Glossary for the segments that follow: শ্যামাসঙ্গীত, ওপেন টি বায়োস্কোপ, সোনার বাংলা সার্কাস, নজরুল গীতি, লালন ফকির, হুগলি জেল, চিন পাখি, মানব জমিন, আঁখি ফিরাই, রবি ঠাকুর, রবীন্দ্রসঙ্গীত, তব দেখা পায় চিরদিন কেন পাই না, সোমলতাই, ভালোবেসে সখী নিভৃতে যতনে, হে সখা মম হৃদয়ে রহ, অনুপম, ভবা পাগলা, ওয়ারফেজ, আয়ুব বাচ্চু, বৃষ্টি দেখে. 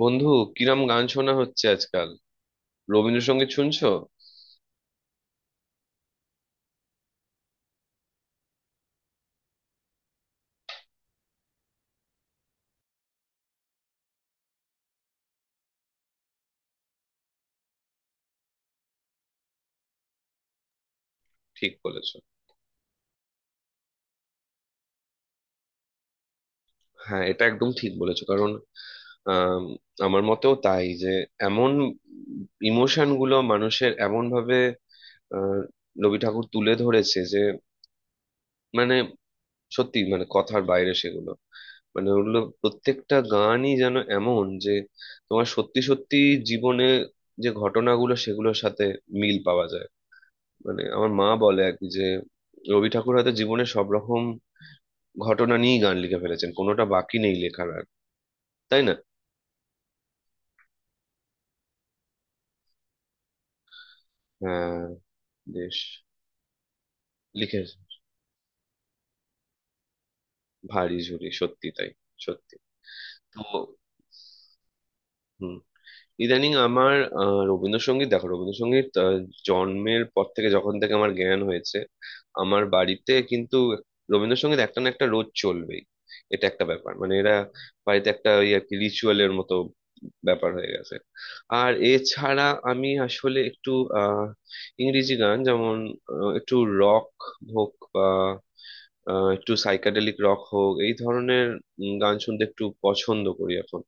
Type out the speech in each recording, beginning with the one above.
বন্ধু, কিরম গান শোনা হচ্ছে আজকাল? রবীন্দ্রসঙ্গীত শুনছো? ঠিক বলেছো। হ্যাঁ, এটা একদম ঠিক বলেছো, কারণ আম, আমার মতেও তাই যে এমন ইমোশন গুলো মানুষের এমন ভাবে আহ, রবি ঠাকুর তুলে ধরেছে যে মানে সত্যি, মানে কথার বাইরে সেগুলো, মানে ওগুলো প্রত্যেকটা গানই যেন এমন যে তোমার সত্যি সত্যি জীবনে যে ঘটনাগুলো সেগুলোর সাথে মিল পাওয়া যায়। মানে আমার মা বলে আর কি যে রবি ঠাকুর হয়তো জীবনে সব রকম ঘটনা নিয়েই গান লিখে ফেলেছেন, কোনোটা বাকি নেই লেখার আর, তাই না? হ্যাঁ, বেশ লিখে। ভারী ঝুরি, সত্যি তাই। সত্যি। তো হুম, ইদানিং আমার রবীন্দ্রসঙ্গীত, দেখো, রবীন্দ্রসঙ্গীত জন্মের পর থেকে যখন থেকে আমার জ্ঞান হয়েছে, আমার বাড়িতে কিন্তু রবীন্দ্রসঙ্গীত একটা না একটা রোজ চলবেই। এটা একটা ব্যাপার, মানে এরা বাড়িতে একটা ওই আর কি রিচুয়ালের মতো ব্যাপার হয়ে গেছে। আর এছাড়া আমি আসলে একটু আহ ইংরেজি গান, যেমন একটু রক হোক বা একটু সাইকাডেলিক রক হোক, এই ধরনের গান শুনতে একটু পছন্দ করি এখন।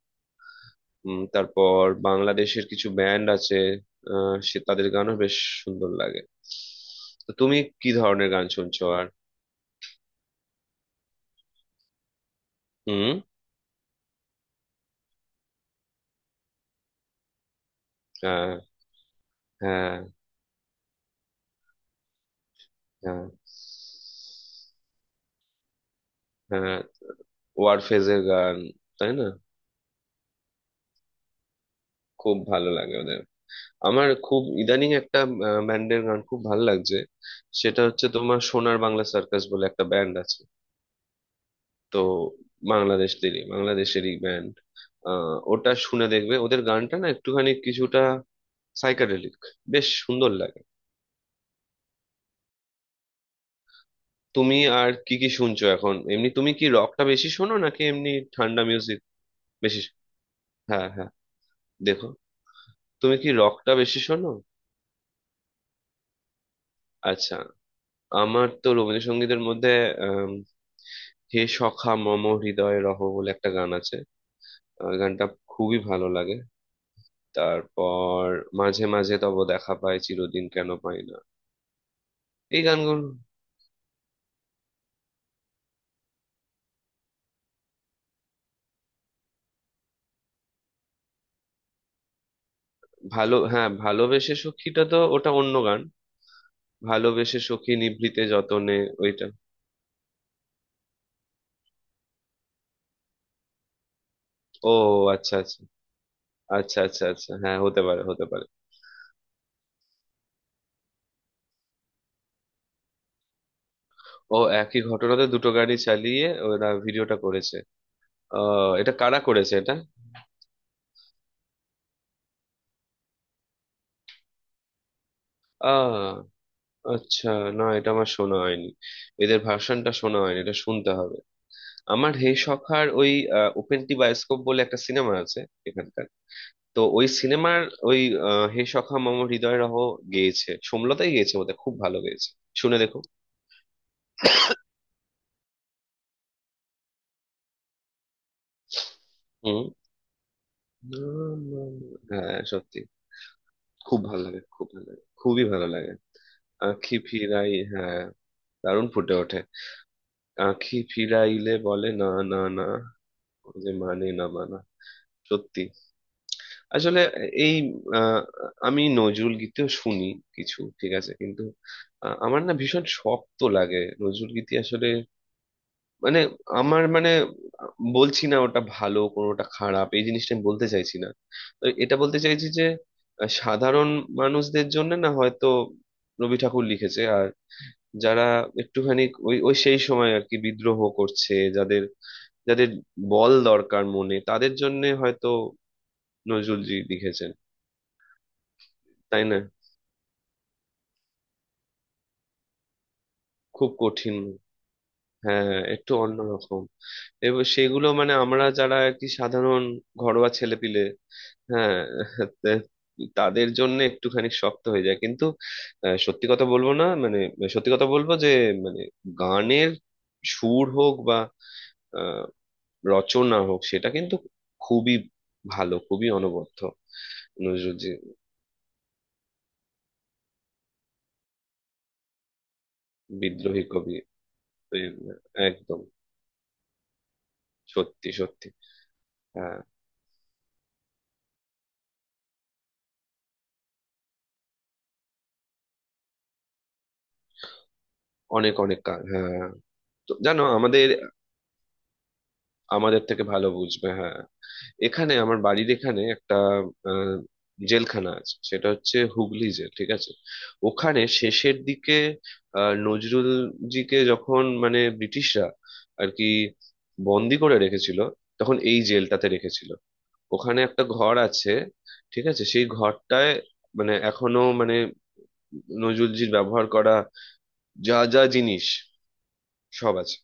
তারপর বাংলাদেশের কিছু ব্যান্ড আছে, সে তাদের গানও বেশ সুন্দর লাগে। তো তুমি কি ধরনের গান শুনছো আর? হুম। হ্যাঁ। হ্যাঁ। হ্যাঁ। হ্যাঁ, ওয়ারফেজের গান, তাই না? খুব ভালো লাগে ওদের। আমার খুব ইদানিং একটা ব্যান্ডের গান খুব ভালো লাগছে, সেটা হচ্ছে তোমার সোনার বাংলা সার্কাস বলে একটা ব্যান্ড আছে, তো বাংলাদেশ থেকে, বাংলাদেশেরই ব্যান্ড। ওটা শুনে দেখবে, ওদের গানটা না একটুখানি কিছুটা সাইকাডেলিক, বেশ সুন্দর লাগে। তুমি আর কি কি শুনছো এখন এমনি? তুমি কি রকটা বেশি শোনো নাকি এমনি ঠান্ডা মিউজিক? বেশি শো- হ্যাঁ, হ্যাঁ। দেখো, তুমি কি রকটা বেশি শোনো? আচ্ছা, আমার তো রবীন্দ্রসঙ্গীতের মধ্যে আম, হে সখা মম হৃদয়ে রহ বলে একটা গান আছে, গানটা খুবই ভালো লাগে। তারপর মাঝে মাঝে তব দেখা পায় চিরদিন কেন পাই না, এই গানগুলো ভালো। হ্যাঁ, ভালোবেসে সখীটা তো ওটা অন্য গান। ভালোবেসে সখী নিভৃতে যতনে ওইটা। ও, আচ্ছা আচ্ছা। আচ্ছা আচ্ছা আচ্ছা, হ্যাঁ, হতে পারে হতে পারে। ও, একই ঘটনাতে দুটো গাড়ি চালিয়ে ওরা ভিডিওটা করেছে। আহ, এটা কারা করেছে এটা? আহ, আচ্ছা, না, এটা আমার শোনা হয়নি, এদের ভার্সনটা শোনা হয়নি, এটা শুনতে হবে। আমার হে সখার ওই ওপেন টি বায়োস্কোপ বলে একটা সিনেমা আছে এখানকার, তো ওই সিনেমার ওই হে সখা মম হৃদয় রহ গেয়েছে, সোমলতাই গেয়েছে বোধহয়, খুব ভালো গেয়েছে, শুনে দেখো। হুম। না, না, না। হ্যাঁ, সত্যি। খুব ভালো লাগে, খুব ভালো লাগে, খুবই ভালো লাগে। আঁখি ফিরাই, হ্যাঁ, দারুণ ফুটে ওঠে। আঁখি ফিরাইলে বলে না না না, ওই যে মানে না মানা। সত্যি। আসলে এই আহ, আমি নজরুল গীতিও শুনি, কিছু ঠিক আছে, কিন্তু আমার না ভীষণ শক্ত লাগে নজরুল গীতি আসলে, মানে আমার, মানে বলছি না ওটা ভালো কোনোটা খারাপ, এই জিনিসটা আমি বলতে চাইছি না। তো এটা বলতে চাইছি যে সাধারণ মানুষদের জন্য না হয়তো রবি ঠাকুর লিখেছে, আর যারা একটুখানি ওই ওই সেই সময় আর কি বিদ্রোহ করছে, যাদের যাদের বল দরকার মনে, তাদের জন্য হয়তো নজরুলজি লিখেছেন, তাই না? খুব কঠিন। হ্যাঁ হ্যাঁ, একটু অন্যরকম। এবং সেগুলো মানে আমরা যারা আর কি সাধারণ ঘরোয়া ছেলেপিলে, হ্যাঁ, তে- তাদের জন্য একটুখানি শক্ত হয়ে যায়, কিন্তু সত্যি কথা বলবো না, মানে সত্যি কথা বলবো যে মানে গানের সুর হোক বা আহ, রচনা হোক, সেটা কিন্তু খুবই ভালো, খুবই অনবদ্য। নজরুল যে বিদ্রোহী কবি এর একদম সত্যি সত্যি। হ্যাঁ, অনেক অনেক গান, হ্যাঁ হ্যাঁ। তো জানো আমাদের, আমাদের থেকে ভালো বুঝবে, হ্যাঁ। এখানে আমার বাড়ির এখানে একটা আহ, জেলখানা আছে, সেটা হচ্ছে হুগলি জেল, ঠিক আছে? ওখানে শেষের দিকে নজরুল জিকে যখন মানে ব্রিটিশরা আর কি বন্দি করে রেখেছিল, তখন এই জেলটাতে রেখেছিল। ওখানে একটা ঘর আছে, ঠিক আছে? সেই ঘরটায়, মানে এখনো মানে নজরুলজির ব্যবহার করা যা যা জিনিস সব আছে,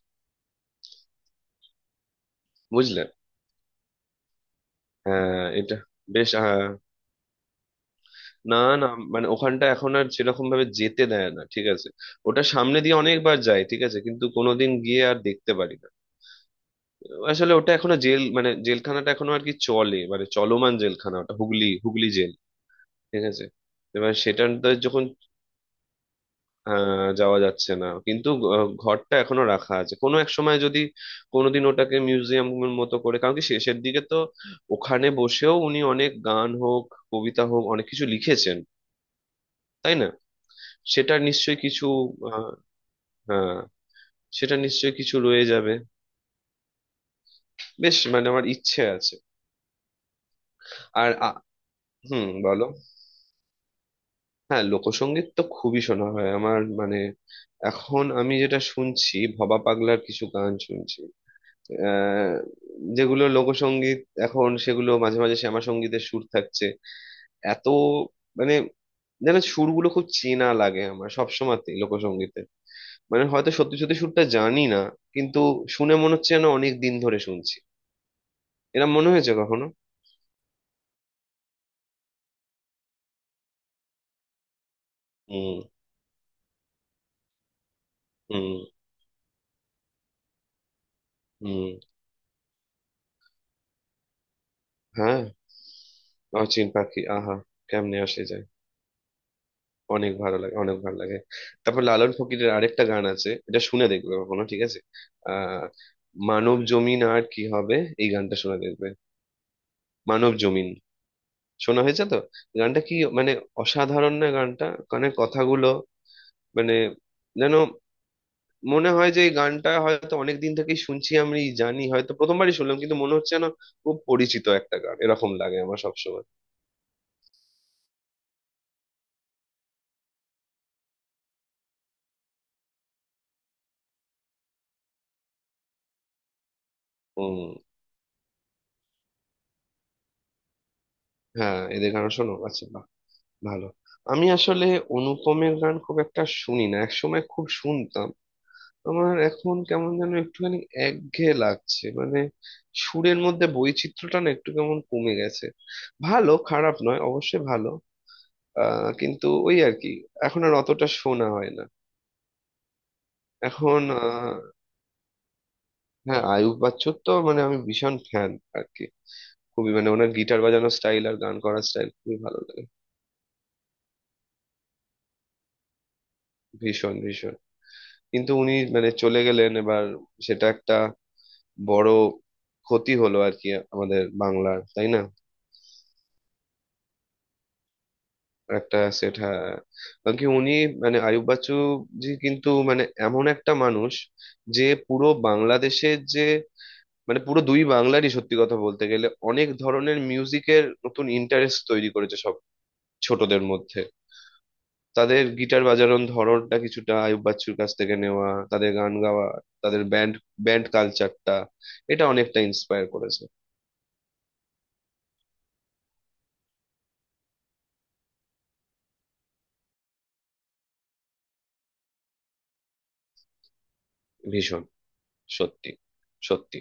বুঝলে? হ্যাঁ, এটা বেশ, হ্যাঁ। না, না, মানে ওখানটা এখন আর সেরকম ভাবে যেতে দেয় না, ঠিক আছে? ওটা সামনে দিয়ে অনেকবার যায়, ঠিক আছে, কিন্তু কোনোদিন গিয়ে আর দেখতে পারি না। আসলে ওটা এখনো জেল, মানে জেলখানাটা এখনো আর কি চলে, মানে চলমান জেলখানা ওটা, হুগলি হুগলি জেল, ঠিক আছে? এবার সেটাতে যখন যাওয়া যাচ্ছে না, কিন্তু ঘরটা এখনো রাখা আছে, কোনো এক সময় যদি কোনোদিন ওটাকে মিউজিয়ামের মতো করে, কারণ কি শেষের দিকে তো ওখানে বসেও উনি অনেক গান হোক, কবিতা হোক, অনেক কিছু লিখেছেন, তাই না? সেটার নিশ্চয়ই কিছু, হ্যাঁ, সেটা নিশ্চয়ই কিছু রয়ে যাবে, বেশ, মানে আমার ইচ্ছে আছে। আর আ- হুম, বলো। হ্যাঁ, লোকসঙ্গীত তো খুবই শোনা হয় আমার, মানে এখন আমি যেটা শুনছি ভবা পাগলার কিছু গান শুনছি, আহ যেগুলো লোকসঙ্গীত, এখন সেগুলো মাঝে মাঝে শ্যামাসঙ্গীতের সুর থাকছে এত, মানে যেন সুরগুলো খুব চেনা লাগে আমার সব সময়তেই লোকসঙ্গীতে। মানে হয়তো সত্যি সত্যি সুরটা জানি না, কিন্তু শুনে মনে হচ্ছে যেন অনেক দিন ধরে শুনছি, এরম মনে হয়েছে কখনো? হুম। হুম। হুম। হ্যাঁ, আর চিন পাখি, আহা, কেমনে আসে যায়। অনেক ভালো লাগে, অনেক ভালো লাগে। তারপর লালন ফকিরের আরেকটা গান আছে, এটা শুনে দেখবে কখনো, ঠিক আছে? আহ মানব জমিন আর কি হবে, এই গানটা শুনে দেখবে। মানব জমিন শোনা হয়েছে তো? গানটা কি, মানে অসাধারণ না গানটা, মানে কথাগুলো, মানে যেন মনে হয় যে এই গানটা হয়তো অনেক দিন থেকেই শুনছি আমি, জানি হয়তো প্রথমবারই শুনলাম, কিন্তু মনে হচ্ছে না, খুব পরিচিত একটা গান, এরকম লাগে আমার সবসময়। হম। হ্যাঁ, এদের গান শোনো, আচ্ছা, বাহ, ভালো। আমি আসলে অনুপমের গান খুব একটা শুনি না, একসময় খুব শুনতাম, আমার এখন কেমন যেন একটুখানি একঘেয়ে লাগছে, মানে সুরের মধ্যে বৈচিত্র্যটা না একটু কেমন কমে গেছে, ভালো খারাপ নয় অবশ্যই ভালো, আহ, কিন্তু ওই আর কি এখন আর অতটা শোনা হয় না। এখন আহ, হ্যাঁ, আয়ুব বাচ্চুর তো মানে আমি ভীষণ ফ্যান আর কি, খুবই, মানে ওনার গিটার বাজানোর স্টাইল আর গান করার স্টাইল খুবই ভালো লাগে। ভীষণ ভীষণ, কিন্তু উনি মানে চলে গেলেন এবার, সেটা একটা বড় ক্ষতি হলো আর কি আমাদের বাংলার, তাই না? একটা সেটা, কারণ কি উনি মানে আয়ুব বাচ্চু জি কিন্তু মানে এমন একটা মানুষ যে পুরো বাংলাদেশের, যে মানে পুরো দুই বাংলারই সত্যি কথা বলতে গেলে অনেক ধরনের মিউজিকের নতুন ইন্টারেস্ট তৈরি করেছে সব ছোটদের মধ্যে। তাদের গিটার বাজানোর ধরনটা কিছুটা আয়ুব বাচ্চুর কাছ থেকে নেওয়া, তাদের গান গাওয়া, তাদের ব্যান্ড, কালচারটা, এটা অনেকটা ইন্সপায়ার করেছে। ভীষণ, সত্যি সত্যি।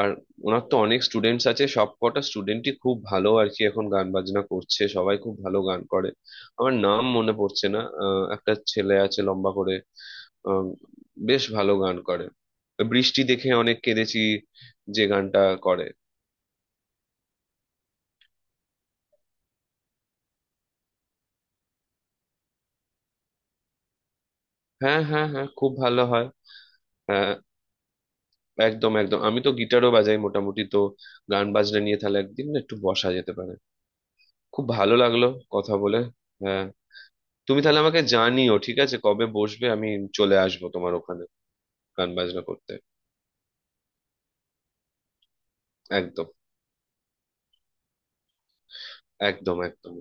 আর ওনার তো অনেক স্টুডেন্টস আছে, সব কটা স্টুডেন্টই খুব ভালো আর কি, এখন গান বাজনা করছে সবাই, খুব ভালো গান করে। আমার নাম মনে পড়ছে না, একটা ছেলে আছে লম্বা করে, আহ, বেশ ভালো গান করে, বৃষ্টি দেখে অনেক কেঁদেছি যে গানটা, করে। হ্যাঁ হ্যাঁ হ্যাঁ, খুব ভালো হয়। হ্যাঁ, একদম একদম, আমি তো গিটারও বাজাই মোটামুটি, তো গান বাজনা নিয়ে তাহলে একদিন না একটু বসা যেতে পারে, খুব ভালো লাগলো কথা বলে। হ্যাঁ, তুমি তাহলে আমাকে জানিও, ঠিক আছে, কবে বসবে, আমি চলে আসবো তোমার ওখানে গান বাজনা করতে। একদম একদম একদম।